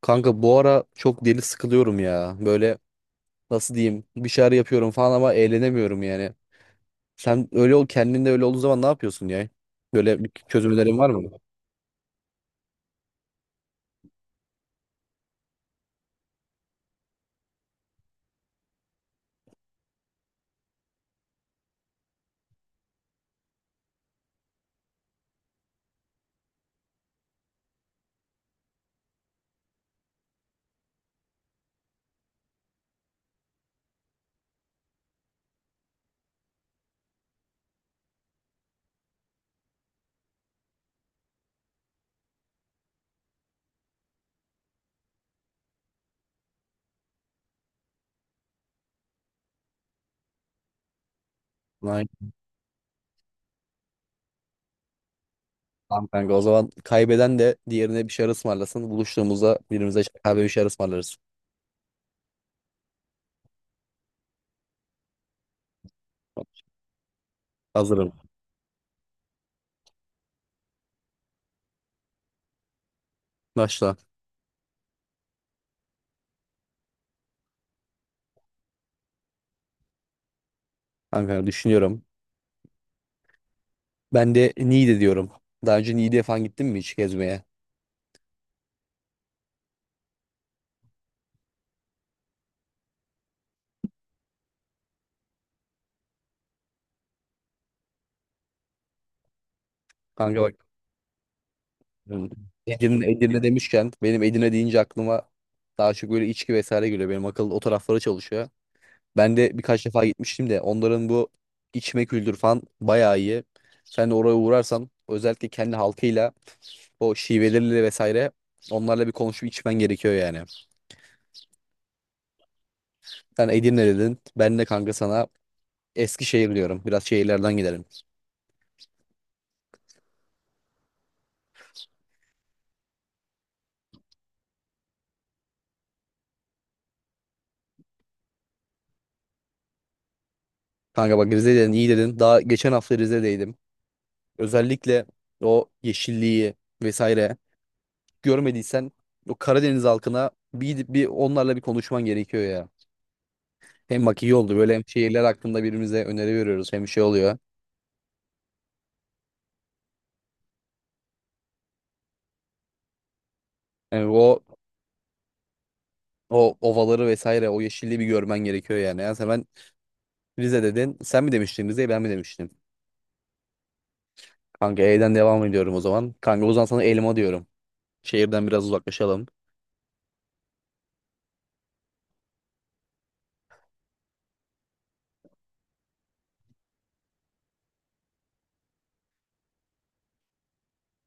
Kanka bu ara çok deli sıkılıyorum ya. Böyle nasıl diyeyim bir şeyler yapıyorum falan ama eğlenemiyorum yani. Sen öyle ol kendinde öyle olduğu zaman ne yapıyorsun ya? Böyle bir çözüm var mı? Aynen. Tamam kanka, o zaman kaybeden de diğerine bir şeyler ısmarlasın. Buluştuğumuzda birbirimize kahve bir şeyler ısmarlarız. Hazırım. Başla. Kanka düşünüyorum. Ben de Niğde diyorum. Daha önce Niğde'ye falan gittin mi hiç gezmeye? Kanka bak. Edirne, Edirne demişken benim Edirne deyince aklıma daha çok böyle içki vesaire geliyor. Benim akıl o taraflara çalışıyor. Ben de birkaç defa gitmiştim de onların bu içme kültürü falan bayağı iyi. Sen de oraya uğrarsan özellikle kendi halkıyla o şiveleriyle vesaire onlarla bir konuşup içmen gerekiyor yani. Sen Edirne dedin. Ben de kanka sana Eskişehir diyorum. Biraz şehirlerden gidelim. Kanka bak, Rize dedin, iyi dedin. Daha geçen hafta Rize'deydim. Özellikle o yeşilliği vesaire görmediysen o Karadeniz halkına bir gidip bir onlarla bir konuşman gerekiyor ya. Hem bak iyi oldu böyle, hem şehirler hakkında birbirimize öneri veriyoruz, hem şey oluyor. Yani o ovaları vesaire o yeşilliği bir görmen gerekiyor yani. Yani sen ben Rize dedin. Sen mi demiştin Rize'yi, ben mi demiştim? Kanka E'den devam ediyorum o zaman. Kanka o zaman sana elma diyorum. Şehirden biraz uzaklaşalım.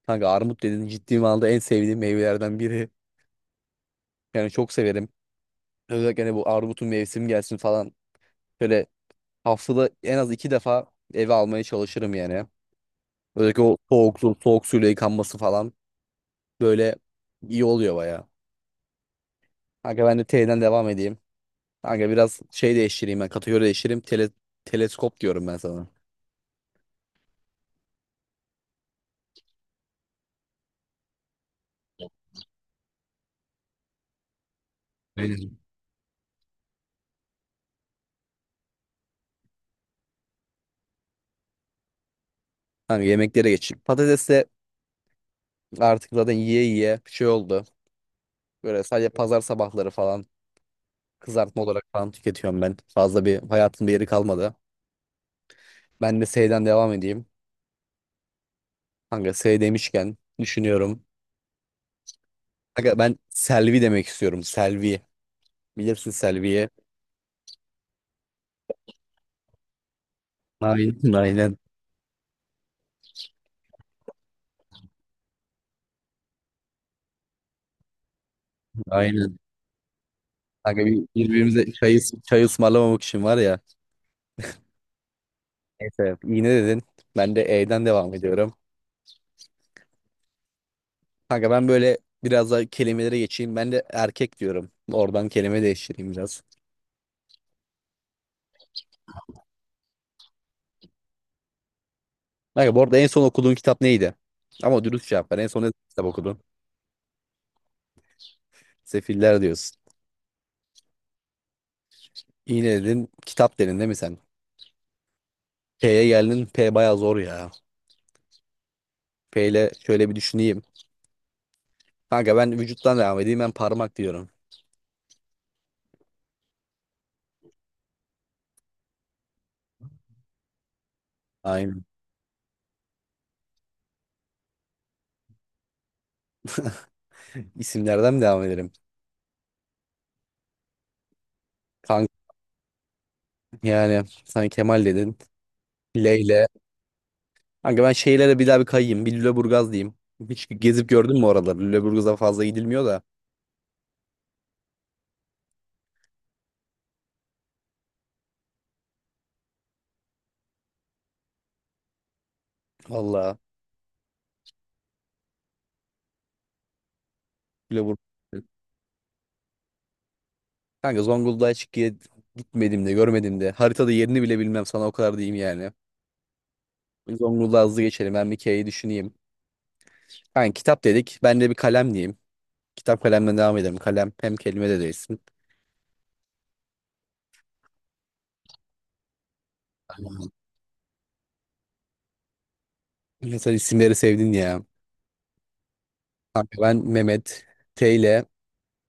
Kanka armut dedin, ciddi manada en sevdiğim meyvelerden biri. Yani çok severim. Özellikle hani bu armutun mevsim gelsin falan. Şöyle haftada en az iki defa eve almaya çalışırım yani. Özellikle o soğuk, su, soğuk suyla yıkanması falan böyle iyi oluyor baya. Kanka ben de teyden devam edeyim. Kanka biraz şey değiştireyim, ben kategori değiştireyim. Teleskop diyorum ben sana. Aynen. Kanka yemeklere geçeyim. Patates de artık zaten yiye yiye şey oldu. Böyle sadece pazar sabahları falan kızartma olarak falan tüketiyorum ben. Fazla bir hayatın bir yeri kalmadı. Ben de seyden devam edeyim. Kanka S demişken düşünüyorum. Kanka ben Selvi demek istiyorum. Selvi. Bilirsin Selvi'yi. Aynen, aynen. Aynen. Kanka birbirimize çay, çay ısmarlamamak için var ya. Neyse iğne dedin. Ben de E'den devam ediyorum. Kanka ben böyle biraz daha kelimelere geçeyim. Ben de erkek diyorum. Oradan kelime değiştireyim biraz. Kanka bu arada en son okuduğun kitap neydi? Ama dürüst cevap ver. En son ne kitap okudun? Sefiller diyorsun. İğne dedin. Kitap dedin değil mi sen? P'ye geldin. P baya zor ya. P ile şöyle bir düşüneyim. Kanka ben vücuttan devam edeyim. Ben parmak diyorum. Aynen. İsimlerden mi devam edelim? Kanka yani sen Kemal dedin. Leyle. Kanka ben şeylere bir daha bir kayayım. Bir Lüleburgaz diyeyim. Hiç gezip gördün mü oraları? Lüleburgaz'a fazla gidilmiyor da. Valla. Lüleburgaz. Kanka Zonguldak'a hiç gitmedim de, görmedim de. Haritada yerini bile bilmem, sana o kadar diyeyim yani. Zonguldak'a hızlı geçelim. Ben bir K'yi düşüneyim. Kanka kitap dedik. Ben de bir kalem diyeyim. Kitap kalemden devam edelim. Kalem hem kelime de değilsin. Aynen. Sen isimleri sevdin ya. Kanka ben Mehmet, T ile,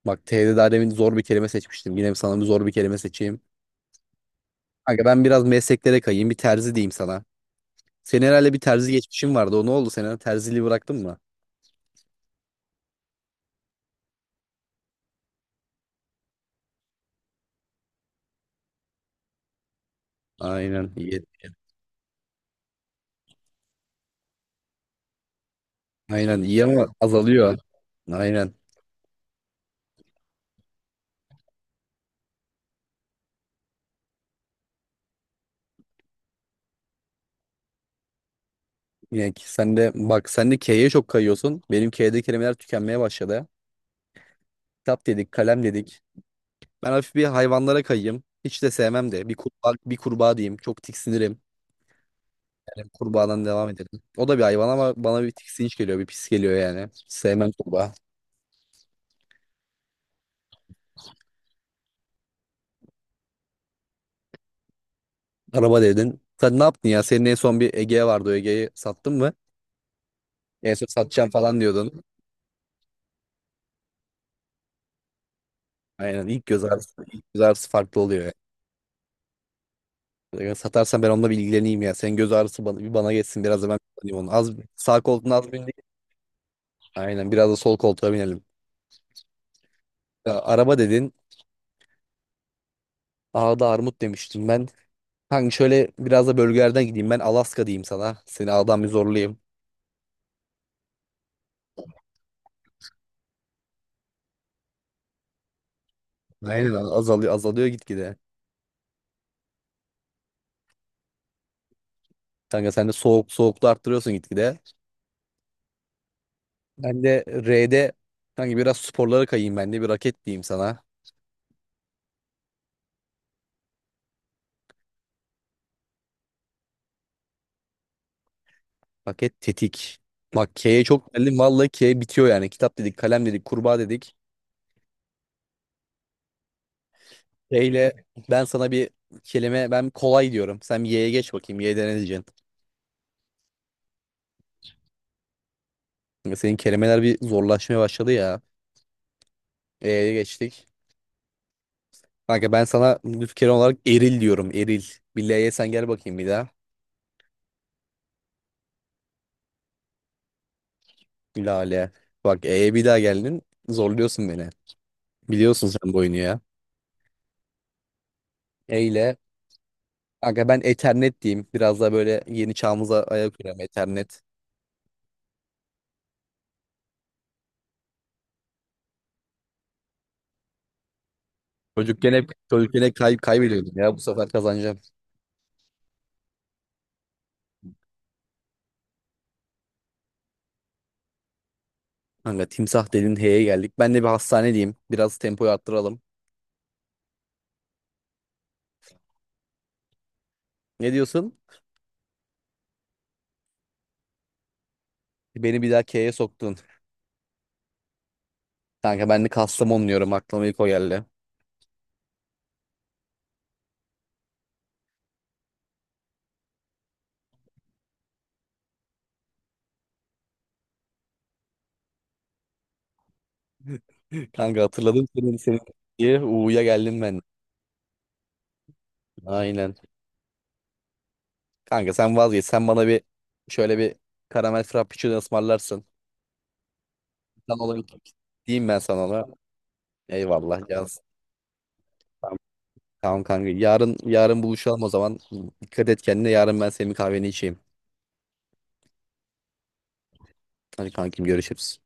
bak T'de daha demin zor bir kelime seçmiştim. Yine sana bir zor bir kelime seçeyim. Kanka ben biraz mesleklere kayayım. Bir terzi diyeyim sana. Senin herhalde bir terzi geçmişin vardı. O ne oldu? Sen herhalde terziliği bıraktın mı? Aynen, iyi. Aynen iyi ama azalıyor. Aynen. Yani ki sen de bak, sen de K'ye çok kayıyorsun. Benim K'de kelimeler tükenmeye başladı. Kitap dedik, kalem dedik. Ben hafif bir hayvanlara kayayım. Hiç de sevmem de. Bir kurbağa, bir kurbağa diyeyim. Çok tiksinirim. Kurbağadan devam edelim. O da bir hayvan ama bana bir tiksinç geliyor, bir pis geliyor yani. Sevmem kurbağa. Araba dedin. Sen ne yaptın ya? Senin en son bir Ege vardı. O Ege'yi sattın mı? En son satacağım falan diyordun. Aynen. İlk göz ağrısı, ilk göz ağrısı farklı oluyor. Yani. Satarsan ben onunla bir ilgileneyim ya. Senin göz ağrısı bana, bir bana geçsin. Biraz da ben kullanayım onu. Az, sağ koltuğuna az bindik. Aynen. Biraz da sol koltuğa binelim. Ya, araba dedin. Ağda armut demiştim ben. Kanka şöyle biraz da bölgelerden gideyim. Ben Alaska diyeyim sana. Seni ağdan bir zorlayayım. Aynen, azalıyor azalıyor gitgide. Kanka sen de soğuk soğuklu arttırıyorsun gitgide. Ben de R'de, kanka biraz sporlara kayayım, ben de bir raket diyeyim sana. Raket, tetik. Bak K'ye çok geldim. Vallahi K bitiyor yani. Kitap dedik, kalem dedik, kurbağa dedik. K ile ben sana bir kelime, ben kolay diyorum. Sen Y'ye geç bakayım. Y'de ne diyeceksin? Kanka senin kelimeler bir zorlaşmaya başladı ya. E'ye geçtik. Kanka ben sana lüf kelime olarak eril diyorum. Eril. Bir L'ye sen gel bakayım bir daha. Lale. Bak E'ye bir daha geldin. Zorluyorsun beni. Biliyorsun sen bu oyunu ya. Eyle. Kanka ben Ethernet diyeyim. Biraz daha böyle yeni çağımıza ayak uyuyorum, Ethernet. Çocukken hep, çocukken hep kaybediyordum ya. Bu sefer kazanacağım. Kanka timsah dedin, H'ye geldik. Ben de bir hastane diyeyim. Biraz tempoyu arttıralım. Ne diyorsun? Beni bir daha K'ye soktun. Kanka ben de Kastamonu diyorum, aklıma ilk o geldi. Kanka hatırladım, senin diye U'ya geldim ben. Aynen. Kanka sen vazgeç. Sen bana bir şöyle bir karamel frappuccino ısmarlarsın. Sen ona diyeyim ben sana ona. Eyvallah. Yaz. Tamam kanka. Yarın, yarın buluşalım o zaman. Dikkat et kendine. Yarın ben senin kahveni içeyim. Hadi kankim, görüşürüz.